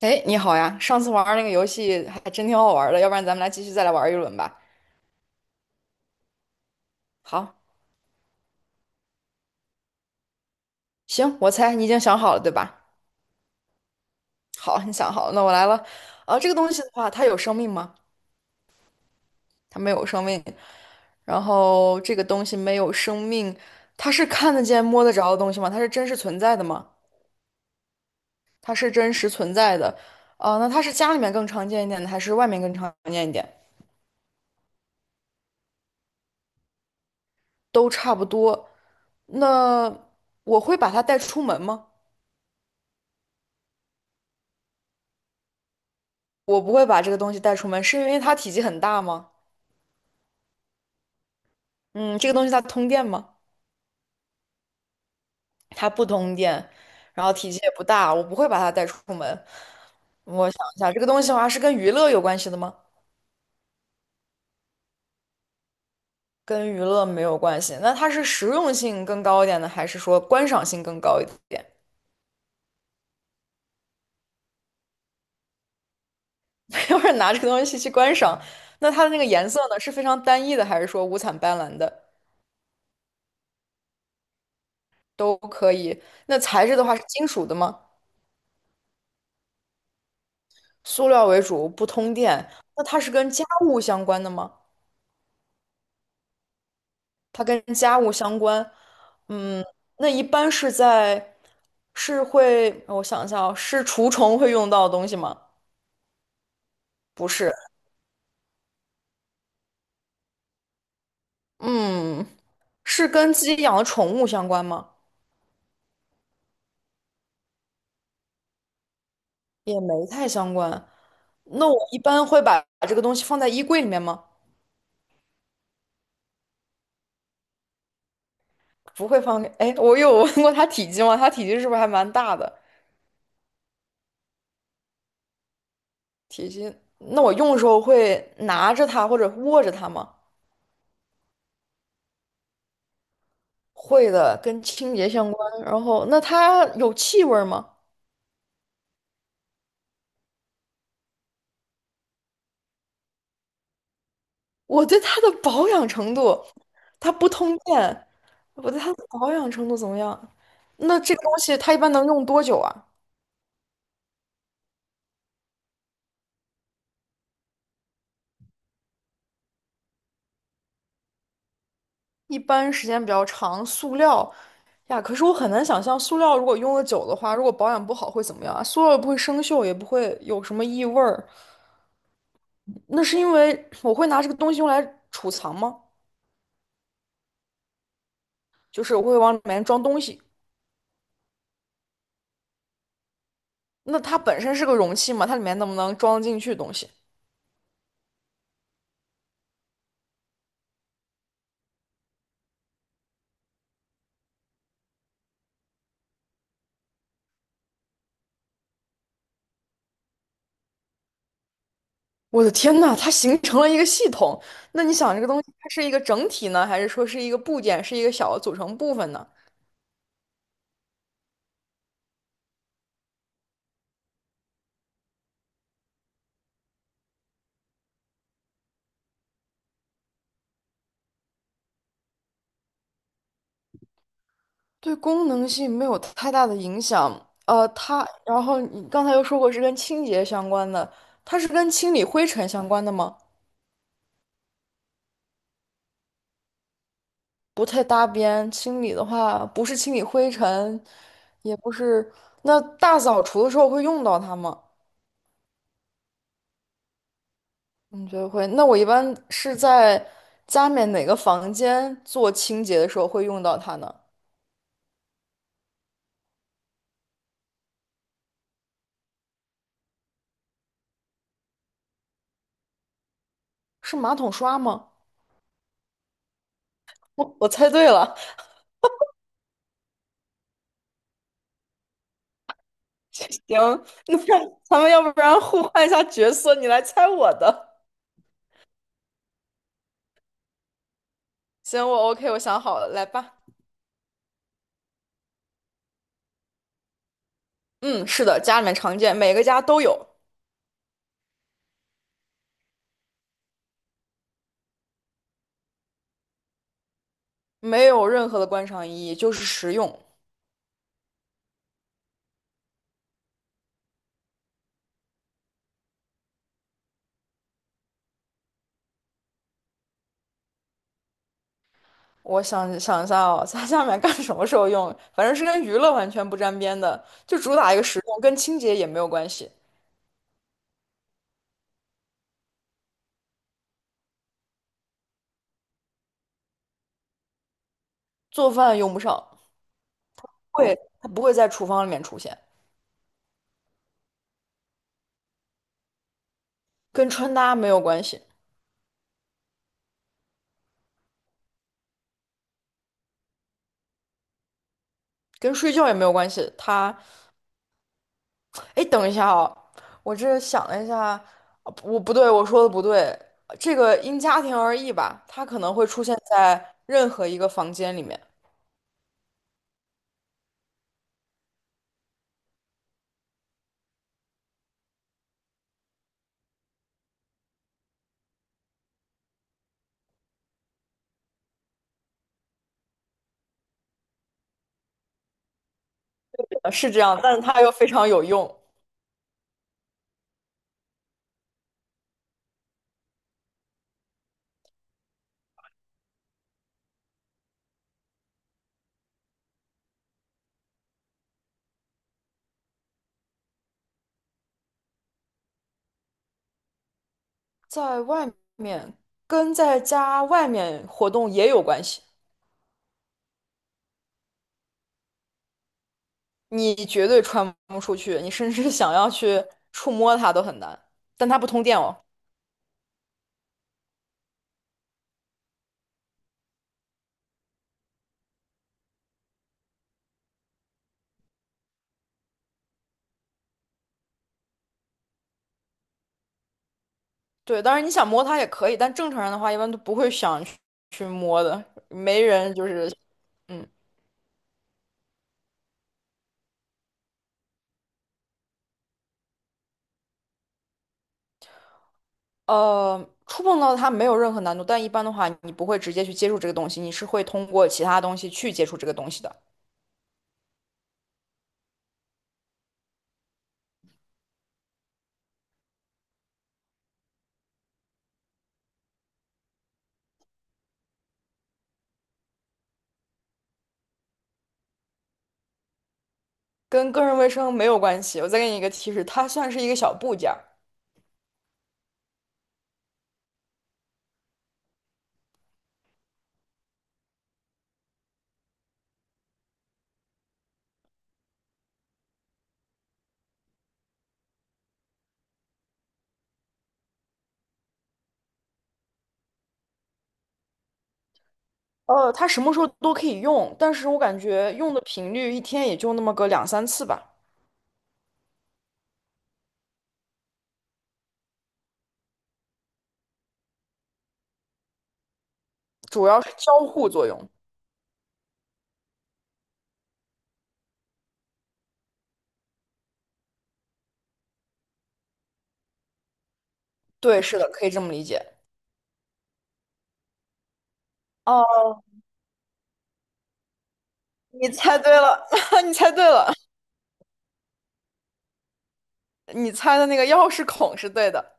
哎，你好呀！上次玩儿那个游戏还真挺好玩儿的，要不然咱们来继续再来玩儿一轮吧。好，行，我猜你已经想好了，对吧？好，你想好了，那我来了。啊，这个东西的话，它有生命吗？它没有生命。然后这个东西没有生命，它是看得见、摸得着的东西吗？它是真实存在的吗？它是真实存在的。啊，那它是家里面更常见一点的，还是外面更常见一点？都差不多。那我会把它带出门吗？我不会把这个东西带出门，是因为它体积很大吗？嗯，这个东西它通电吗？它不通电，然后体积也不大，我不会把它带出门。我想一下，这个东西的话是跟娱乐有关系的吗？跟娱乐没有关系，那它是实用性更高一点呢？还是说观赏性更高一点？要是拿这个东西去观赏，那它的那个颜色呢，是非常单一的，还是说五彩斑斓的都可以？那材质的话是金属的吗？塑料为主，不通电，那它是跟家务相关的吗？它跟家务相关。嗯，那一般是在，是会，我想一下哦，是除虫会用到的东西吗？不是，嗯，是跟自己养的宠物相关吗？也没太相关。那我一般会把这个东西放在衣柜里面吗？不会放给。哎，我有问过它体积吗？它体积是不是还蛮大的？体积，那我用的时候会拿着它或者握着它吗？会的，跟清洁相关。然后，那它有气味儿吗？我对它的保养程度，它不通电，我对它的保养程度怎么样？那这个东西它一般能用多久啊？一般时间比较长，塑料呀，可是我很难想象塑料如果用的久的话，如果保养不好会怎么样啊？塑料也不会生锈，也不会有什么异味儿。那是因为我会拿这个东西用来储藏吗？就是我会往里面装东西。那它本身是个容器嘛，它里面能不能装得进去东西？我的天呐，它形成了一个系统。那你想，这个东西它是一个整体呢，还是说是一个部件，是一个小的组成部分呢？对功能性没有太大的影响。然后你刚才又说过是跟清洁相关的，它是跟清理灰尘相关的吗？不太搭边。清理的话，不是清理灰尘，也不是。那大扫除的时候会用到它吗？你觉得会？那我一般是在家里面哪个房间做清洁的时候会用到它呢？是马桶刷吗？我猜对了，行，那咱们要不然互换一下角色，你来猜我的。行，我 OK，我想好了，来吧。嗯，是的，家里面常见，每个家都有，没有任何的观赏意义，就是实用。我想想一下哦，在下面干什么时候用？反正是跟娱乐完全不沾边的，就主打一个实用，跟清洁也没有关系。做饭用不上，它不会在厨房里面出现，跟穿搭没有关系，跟睡觉也没有关系，哎，等一下哦，我这想了一下，我不对，我说的不对。这个因家庭而异吧，它可能会出现在任何一个房间里面，是这样，但是它又非常有用，在外面跟在家外面活动也有关系。你绝对穿不出去，你甚至想要去触摸它都很难，但它不通电哦。对，当然你想摸它也可以，但正常人的话一般都不会想去摸的，没人就是。嗯。触碰到它没有任何难度，但一般的话，你不会直接去接触这个东西，你是会通过其他东西去接触这个东西的，跟个人卫生没有关系。我再给你一个提示，它算是一个小部件儿，它什么时候都可以用，但是我感觉用的频率一天也就那么个两三次吧，主要是交互作用。对，是的，可以这么理解。哦，你猜对了，你猜对了，你猜的那个钥匙孔是对的。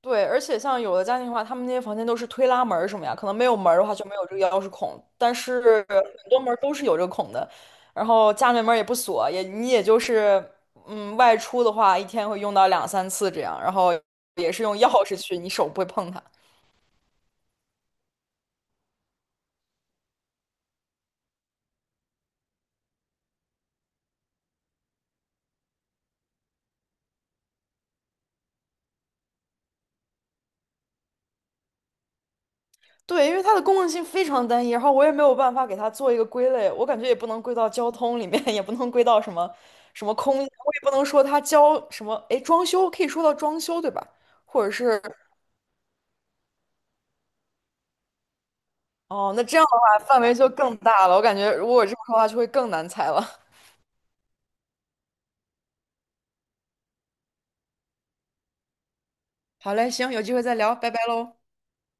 对，而且像有的家庭的话，他们那些房间都是推拉门儿什么呀，可能没有门儿的话就没有这个钥匙孔，但是很多门儿都是有这个孔的，然后家里门儿也不锁，也你也就是外出的话，一天会用到两三次这样，然后也是用钥匙去，你手不会碰它。对，因为它的功能性非常单一，然后我也没有办法给它做一个归类，我感觉也不能归到交通里面，也不能归到什么什么空间我也不能说它交什么，哎，装修可以说到装修对吧？或者是。哦，那这样的话范围就更大了，我感觉如果我这么说的话就会更难猜了。好嘞，行，有机会再聊，拜拜喽。